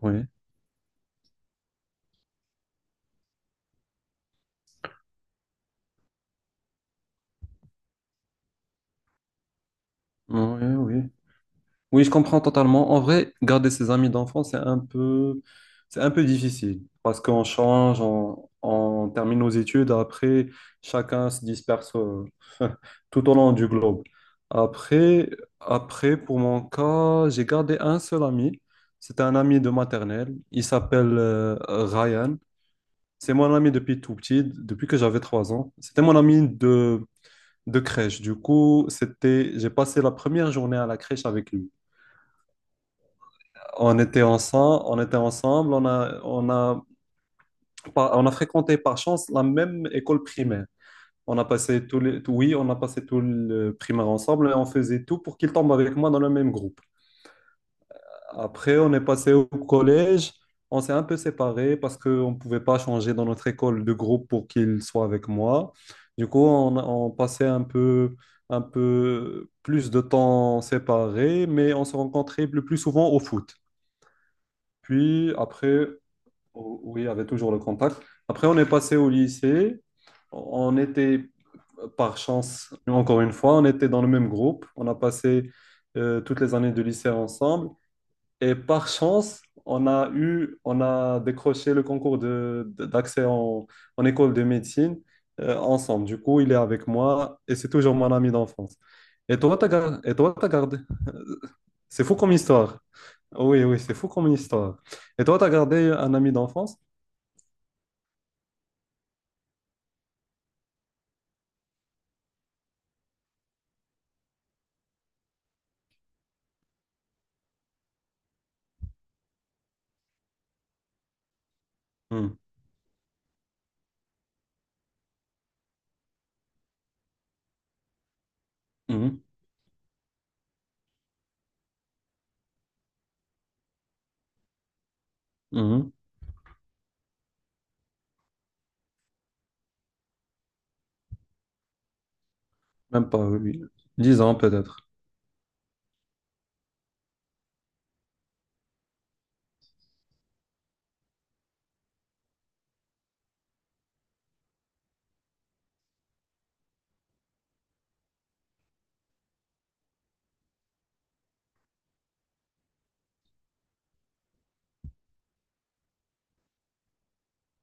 Oui, oui. Oui, je comprends totalement. En vrai, garder ses amis d'enfance, c'est un peu difficile parce qu'on change, on termine nos études, après, chacun se disperse. Tout au long du globe. Après, après, pour mon cas, j'ai gardé un seul ami. C'était un ami de maternelle. Il s'appelle Ryan. C'est mon ami depuis tout petit, depuis que j'avais 3 ans. C'était mon ami de crèche. Du coup, c'était, j'ai passé la première journée à la crèche avec lui. On était ensemble, on a fréquenté par chance la même école primaire. On a passé oui, on a passé tout le primaire ensemble et on faisait tout pour qu'il tombe avec moi dans le même groupe. Après, on est passé au collège. On s'est un peu séparés parce qu'on ne pouvait pas changer dans notre école de groupe pour qu'il soit avec moi. Du coup, on passait un peu plus de temps séparés, mais on se rencontrait le plus souvent au foot. Puis après, oui, il y avait toujours le contact. Après, on est passé au lycée. On était, par chance, encore une fois, on était dans le même groupe. On a passé toutes les années de lycée ensemble. Et par chance, on a décroché le concours d'accès en, en école de médecine ensemble. Du coup, il est avec moi et c'est toujours mon ami d'enfance. Et toi, t'as gardé. C'est fou comme histoire. Oui, oui, c'est fou comme histoire. Et toi, t'as gardé un ami d'enfance? Hmm, mhm, mhm. Même pas, oui. 10 ans peut-être.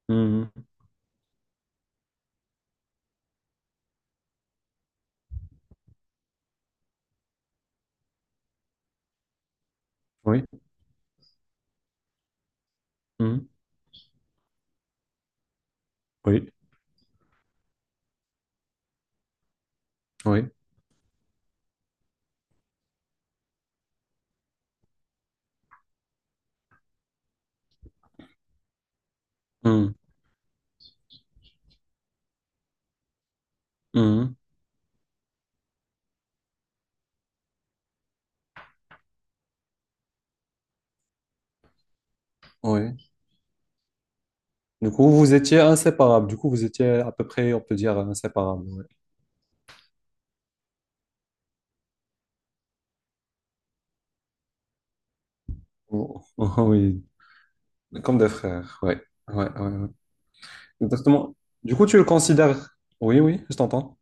Mhm. Oui. Mhm. Oui. Oui. Mhm. Mhm. Oui. Du coup, vous étiez inséparables. Du coup, vous étiez à peu près, on peut dire, inséparables. Ouais. Oh, oui, comme des frères. Ouais. Ouais. Exactement. Du coup, tu le considères. Oui, oui, je t'entends.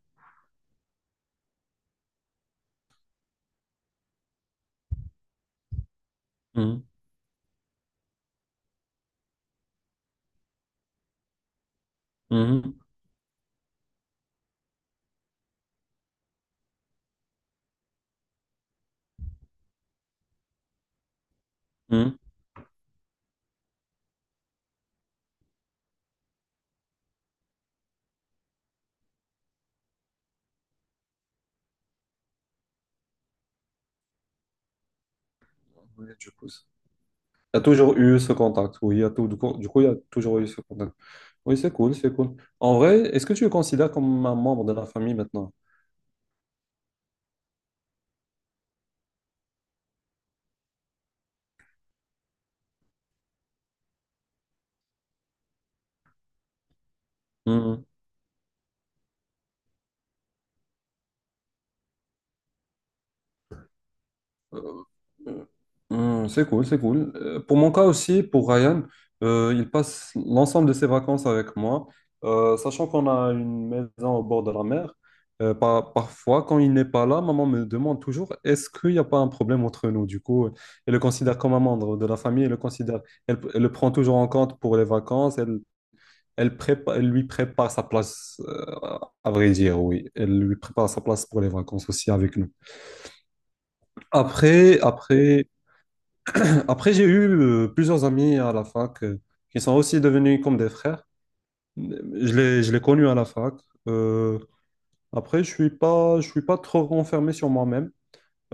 Mhm, mhm, mhm. Ouais, du coup, c'est- Il y a toujours eu ce contact. Oui, il y a tout, du coup, il y a toujours eu ce contact. Oui, c'est cool, c'est cool. En vrai, est-ce que tu le considères comme un membre de la famille maintenant? Euh, c'est cool, c'est cool. Pour mon cas aussi, pour Ryan, il passe l'ensemble de ses vacances avec moi. Sachant qu'on a une maison au bord de la mer. Parfois, quand il n'est pas là, maman me demande toujours, est-ce qu'il n'y a pas un problème entre nous? Du coup, elle le considère comme un membre de la famille, elle le considère, elle, elle le prend toujours en compte pour les vacances, elle, elle lui prépare sa place, à vrai dire, oui. Elle lui prépare sa place pour les vacances aussi avec nous. Après, après. Après, j'ai eu plusieurs amis à la fac qui sont aussi devenus comme des frères. Je les connus à la fac. Euh, après, je suis pas, Je suis pas trop renfermé sur moi-même.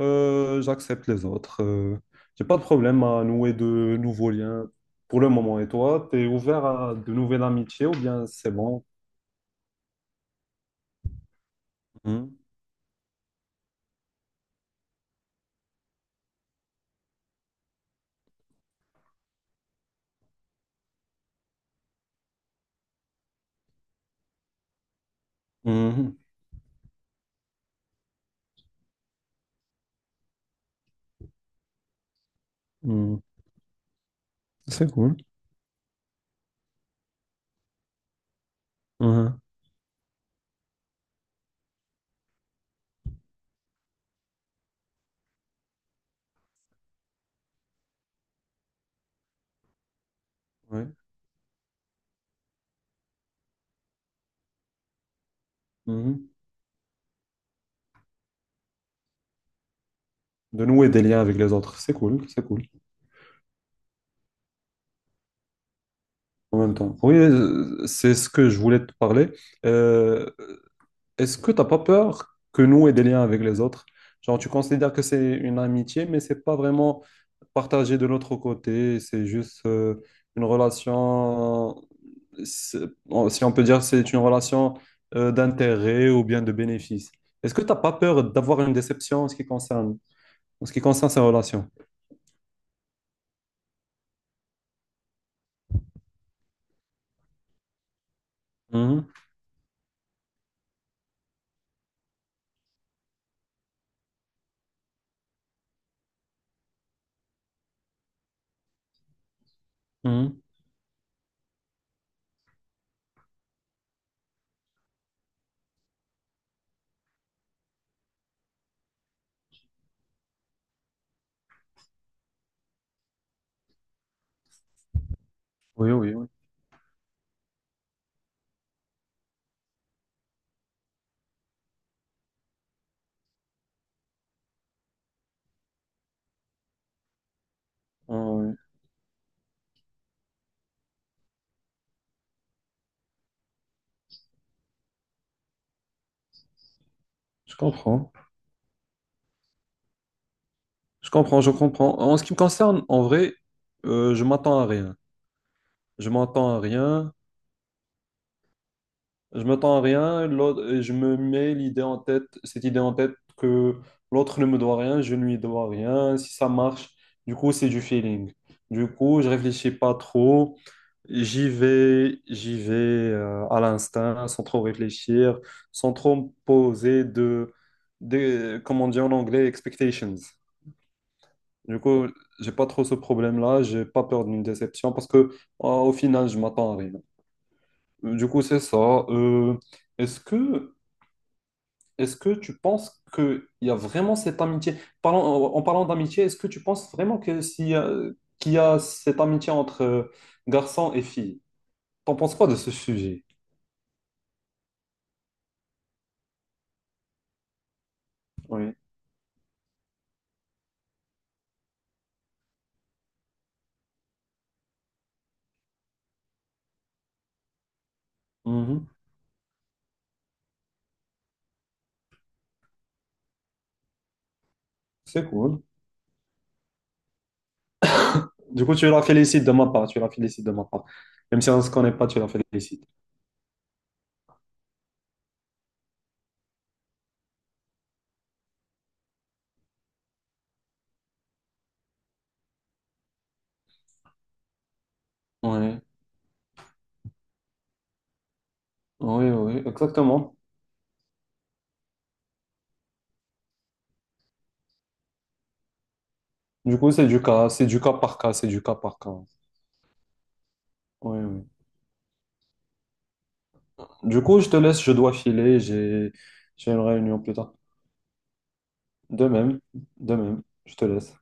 J'accepte les autres. J'ai pas de problème à nouer de nouveaux liens pour le moment. Et toi, tu es ouvert à de nouvelles amitiés ou bien c'est bon? Mhm. Mhm. Mhm. C'est cool. Mhm. Ouais. Mhm. De nouer des liens avec les autres, c'est cool, c'est cool. En même temps. Oui, c'est ce que je voulais te parler. Euh, Est-ce que t'as pas peur que nous ait des liens avec les autres? Genre, tu considères que c'est une amitié, mais c'est pas vraiment partagé de l'autre côté. C'est juste une relation, c'est- si on peut dire, c'est une relation d'intérêt ou bien de bénéfice. Est-ce que t'as pas peur d'avoir une déception en ce qui concerne, en ce qui concerne ces relations? Mhm, mhm. Oui. Ah, oui. Je comprends. Je comprends, je comprends. En ce qui me concerne, en vrai, je m'attends à rien. Je m'attends à rien. Je m'attends à rien. L'autre- et je me mets l'idée en tête, cette idée en tête que l'autre ne me doit rien, je ne lui dois rien. Si ça marche, du coup, c'est du feeling. Du coup, je réfléchis pas trop. J'y vais à l'instinct, sans trop réfléchir, sans trop me poser de, comment on dit en anglais, expectations. Du coup, j'ai pas trop ce problème-là, j'ai pas peur d'une déception parce que au final, je m'attends à rien. Du coup, c'est ça. Euh, est-ce que, est-ce que tu penses qu'il y a vraiment cette amitié? Parlons- En parlant d'amitié, est-ce que tu penses vraiment que s'il y a- qu'il y a cette amitié entre garçons et filles? T'en penses quoi de ce sujet? Oui. Mhm. C'est cool. Tu la félicites de ma part. Même si on ne se connaît pas, tu la félicites. Oui, oui, exactement. Du coup, c'est du cas par cas, c'est du cas par cas. Oui, oui. Du coup, je te laisse, je dois filer, j'ai une réunion plus tard. De même, de même, je te laisse.